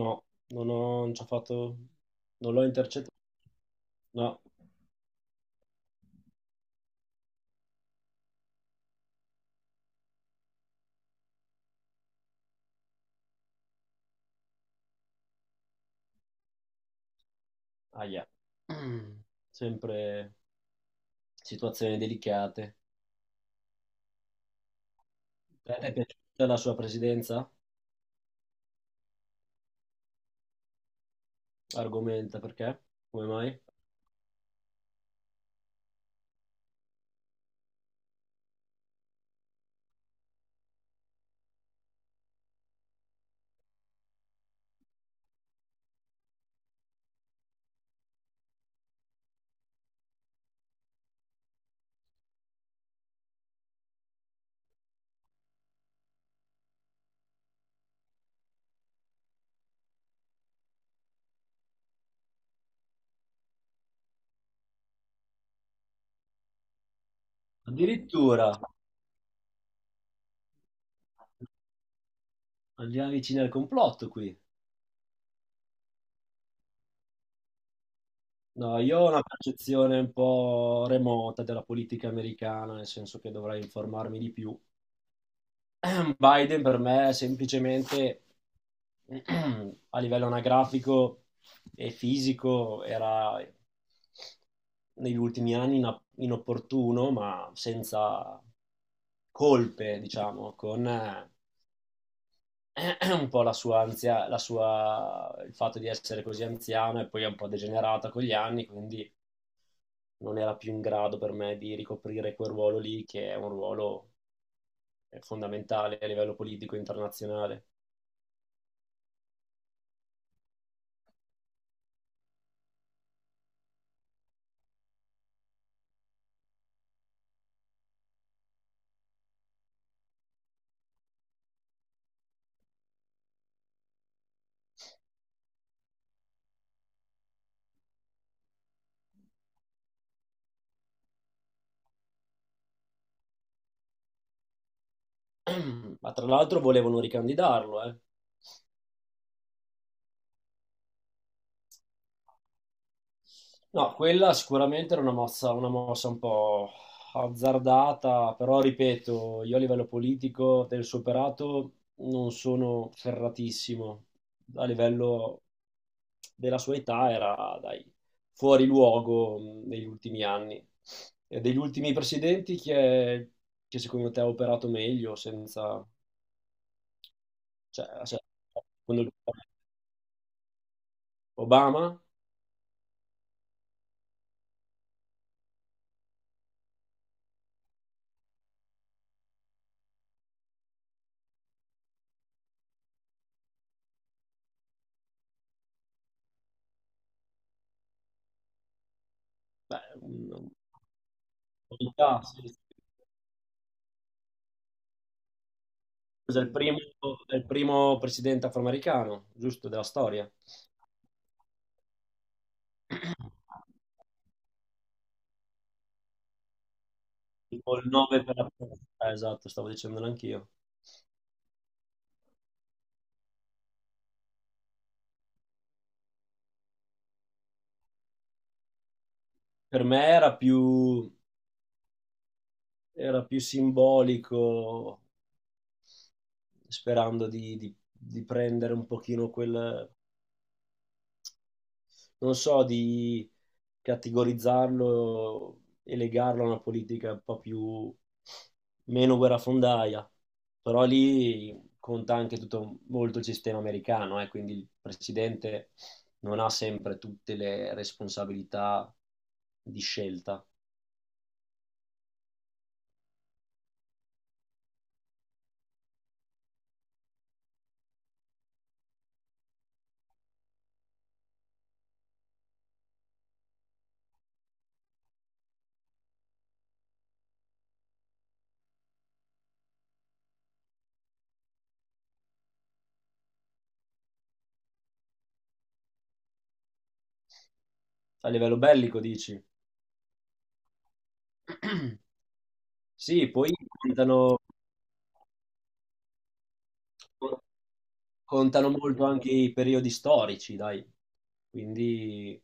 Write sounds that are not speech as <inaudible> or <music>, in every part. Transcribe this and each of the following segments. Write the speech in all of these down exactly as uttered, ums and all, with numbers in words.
No, non ho, non ci ho fatto, non l'ho intercettato. No, aia. <clears throat> Mm. Sempre situazioni delicate. Te- Ti È piaciuta la sua presidenza? Argomenta perché? Come mai? Addirittura andiamo vicini al complotto qui. No, io ho una percezione un po' remota della politica americana, nel senso che dovrei informarmi di più. <clears throat> Biden per me è semplicemente a livello anagrafico e fisico era negli ultimi anni ina- inopportuno, ma senza colpe, diciamo, con eh, <clears throat> un po' la sua anzia, la sua, il fatto di essere così anziana e poi un po' degenerata con gli anni, quindi non era più in grado per me di ricoprire quel ruolo lì, che è un ruolo fondamentale a livello politico internazionale. <clears throat> Ma tra l'altro volevano ricandidarlo, eh. No, quella sicuramente era una mossa, una mossa un po' azzardata, però ripeto, io a livello politico del suo operato non sono ferratissimo. A livello della sua età era, dai, fuori luogo, mh, negli ultimi anni. E degli ultimi presidenti chi è che secondo te ha operato meglio senza. Cioè, cioè, secondo lui, Obama? Beh, un- un'unità, sì. Sì. Scusa, è il primo, è il primo presidente afroamericano, giusto, della storia. Tipo il nove per la. Eh, esatto, stavo dicendolo anch'io. Per me era più, era più simbolico, sperando di, di- di prendere un pochino quel, non so, di categorizzarlo e legarlo a una politica un po' più meno guerrafondaia. Però lì conta anche tutto molto il sistema americano, eh, quindi il presidente non ha sempre tutte le responsabilità di scelta. A livello bellico, dici? <clears throat> Sì, poi contano, contano molto anche i periodi storici, dai. Quindi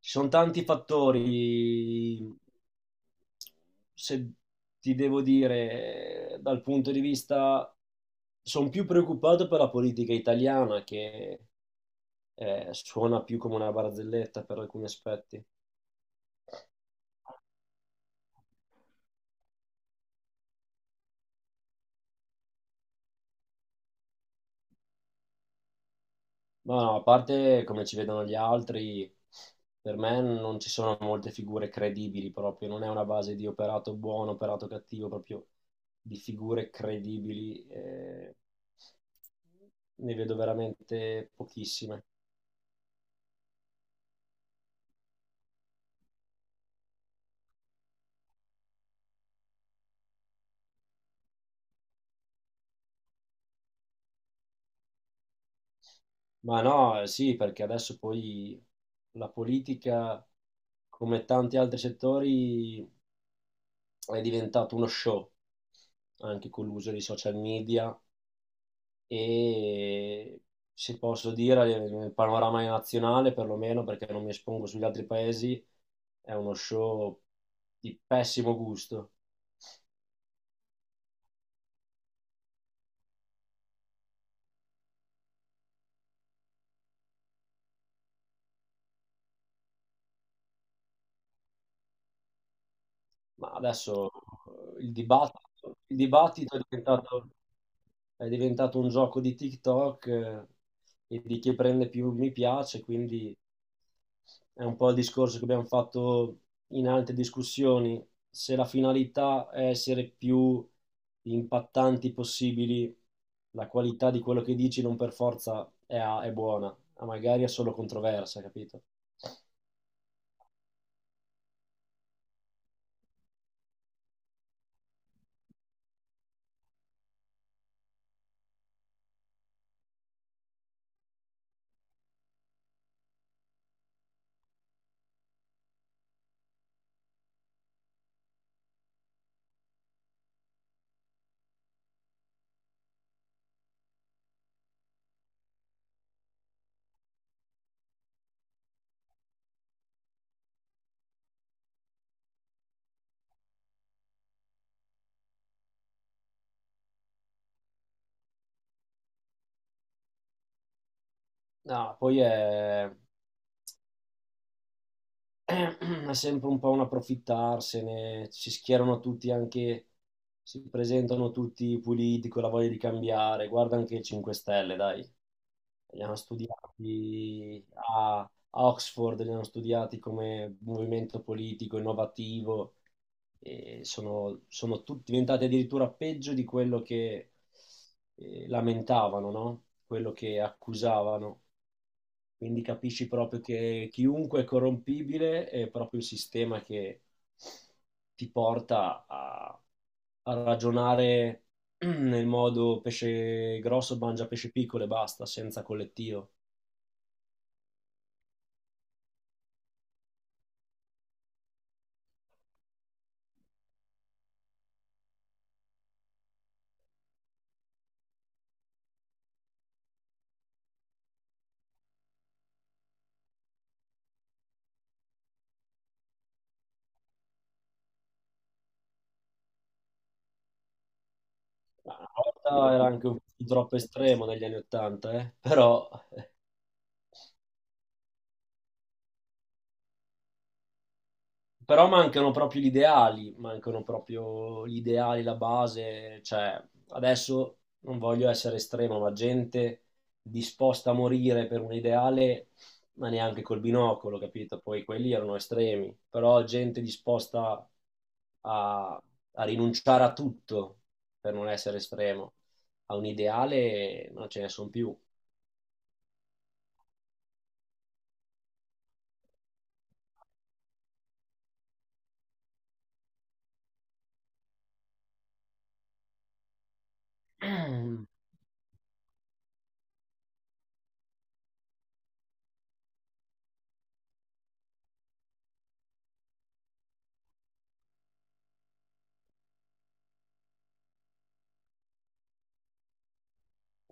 ci sono tanti fattori, se ti devo dire, dal punto di vista, sono più preoccupato per la politica italiana che eh, suona più come una barzelletta per alcuni aspetti. Ma no, a parte come ci vedono gli altri, per me non ci sono molte figure credibili proprio, non è una base di operato buono, operato cattivo, proprio di figure credibili, eh, ne vedo veramente pochissime. Ma no, eh, sì, perché adesso poi la politica, come tanti altri settori, è diventato uno show, anche con l'uso dei social media e, se posso dire, nel panorama nazionale perlomeno, perché non mi espongo sugli altri paesi, è uno show di pessimo gusto. Ma adesso eh, il dibattito, il dibattito è diventato è diventato un gioco di TikTok, eh, e di chi prende più mi piace, quindi è un po' il discorso che abbiamo fatto in altre discussioni. Se la finalità è essere più impattanti possibili, la qualità di quello che dici non per forza è, è buona, ma magari è solo controversa, capito? No, poi è Ehm, <clears throat> è sempre un po' un approfittarsene, si schierano tutti anche, si presentano tutti puliti con la voglia di cambiare, guarda anche il cinque Stelle, dai, li hanno studiati a, a Oxford, li hanno studiati come movimento politico innovativo e sono, sono tutti diventati addirittura peggio di quello che eh, lamentavano, no? Quello che accusavano. Quindi capisci proprio che chiunque è corrompibile, è proprio il sistema che ti porta a, a ragionare <clears throat> nel modo pesce grosso mangia pesce piccolo e basta, senza collettivo. Ma una volta era anche un po' troppo estremo negli anni Ottanta, eh? Però Però mancano proprio gli ideali, mancano proprio gli ideali, la base, cioè adesso non voglio essere estremo, ma gente disposta a morire per un ideale, ma neanche col binocolo, capito? Poi quelli erano estremi, però gente disposta a, a rinunciare a tutto, per non essere estremo, a un ideale non ce ne sono più. <clears throat>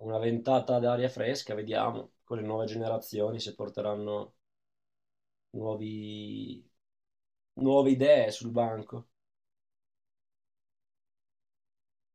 Una ventata d'aria fresca, vediamo, con le nuove generazioni se porteranno nuovi- nuove idee sul banco.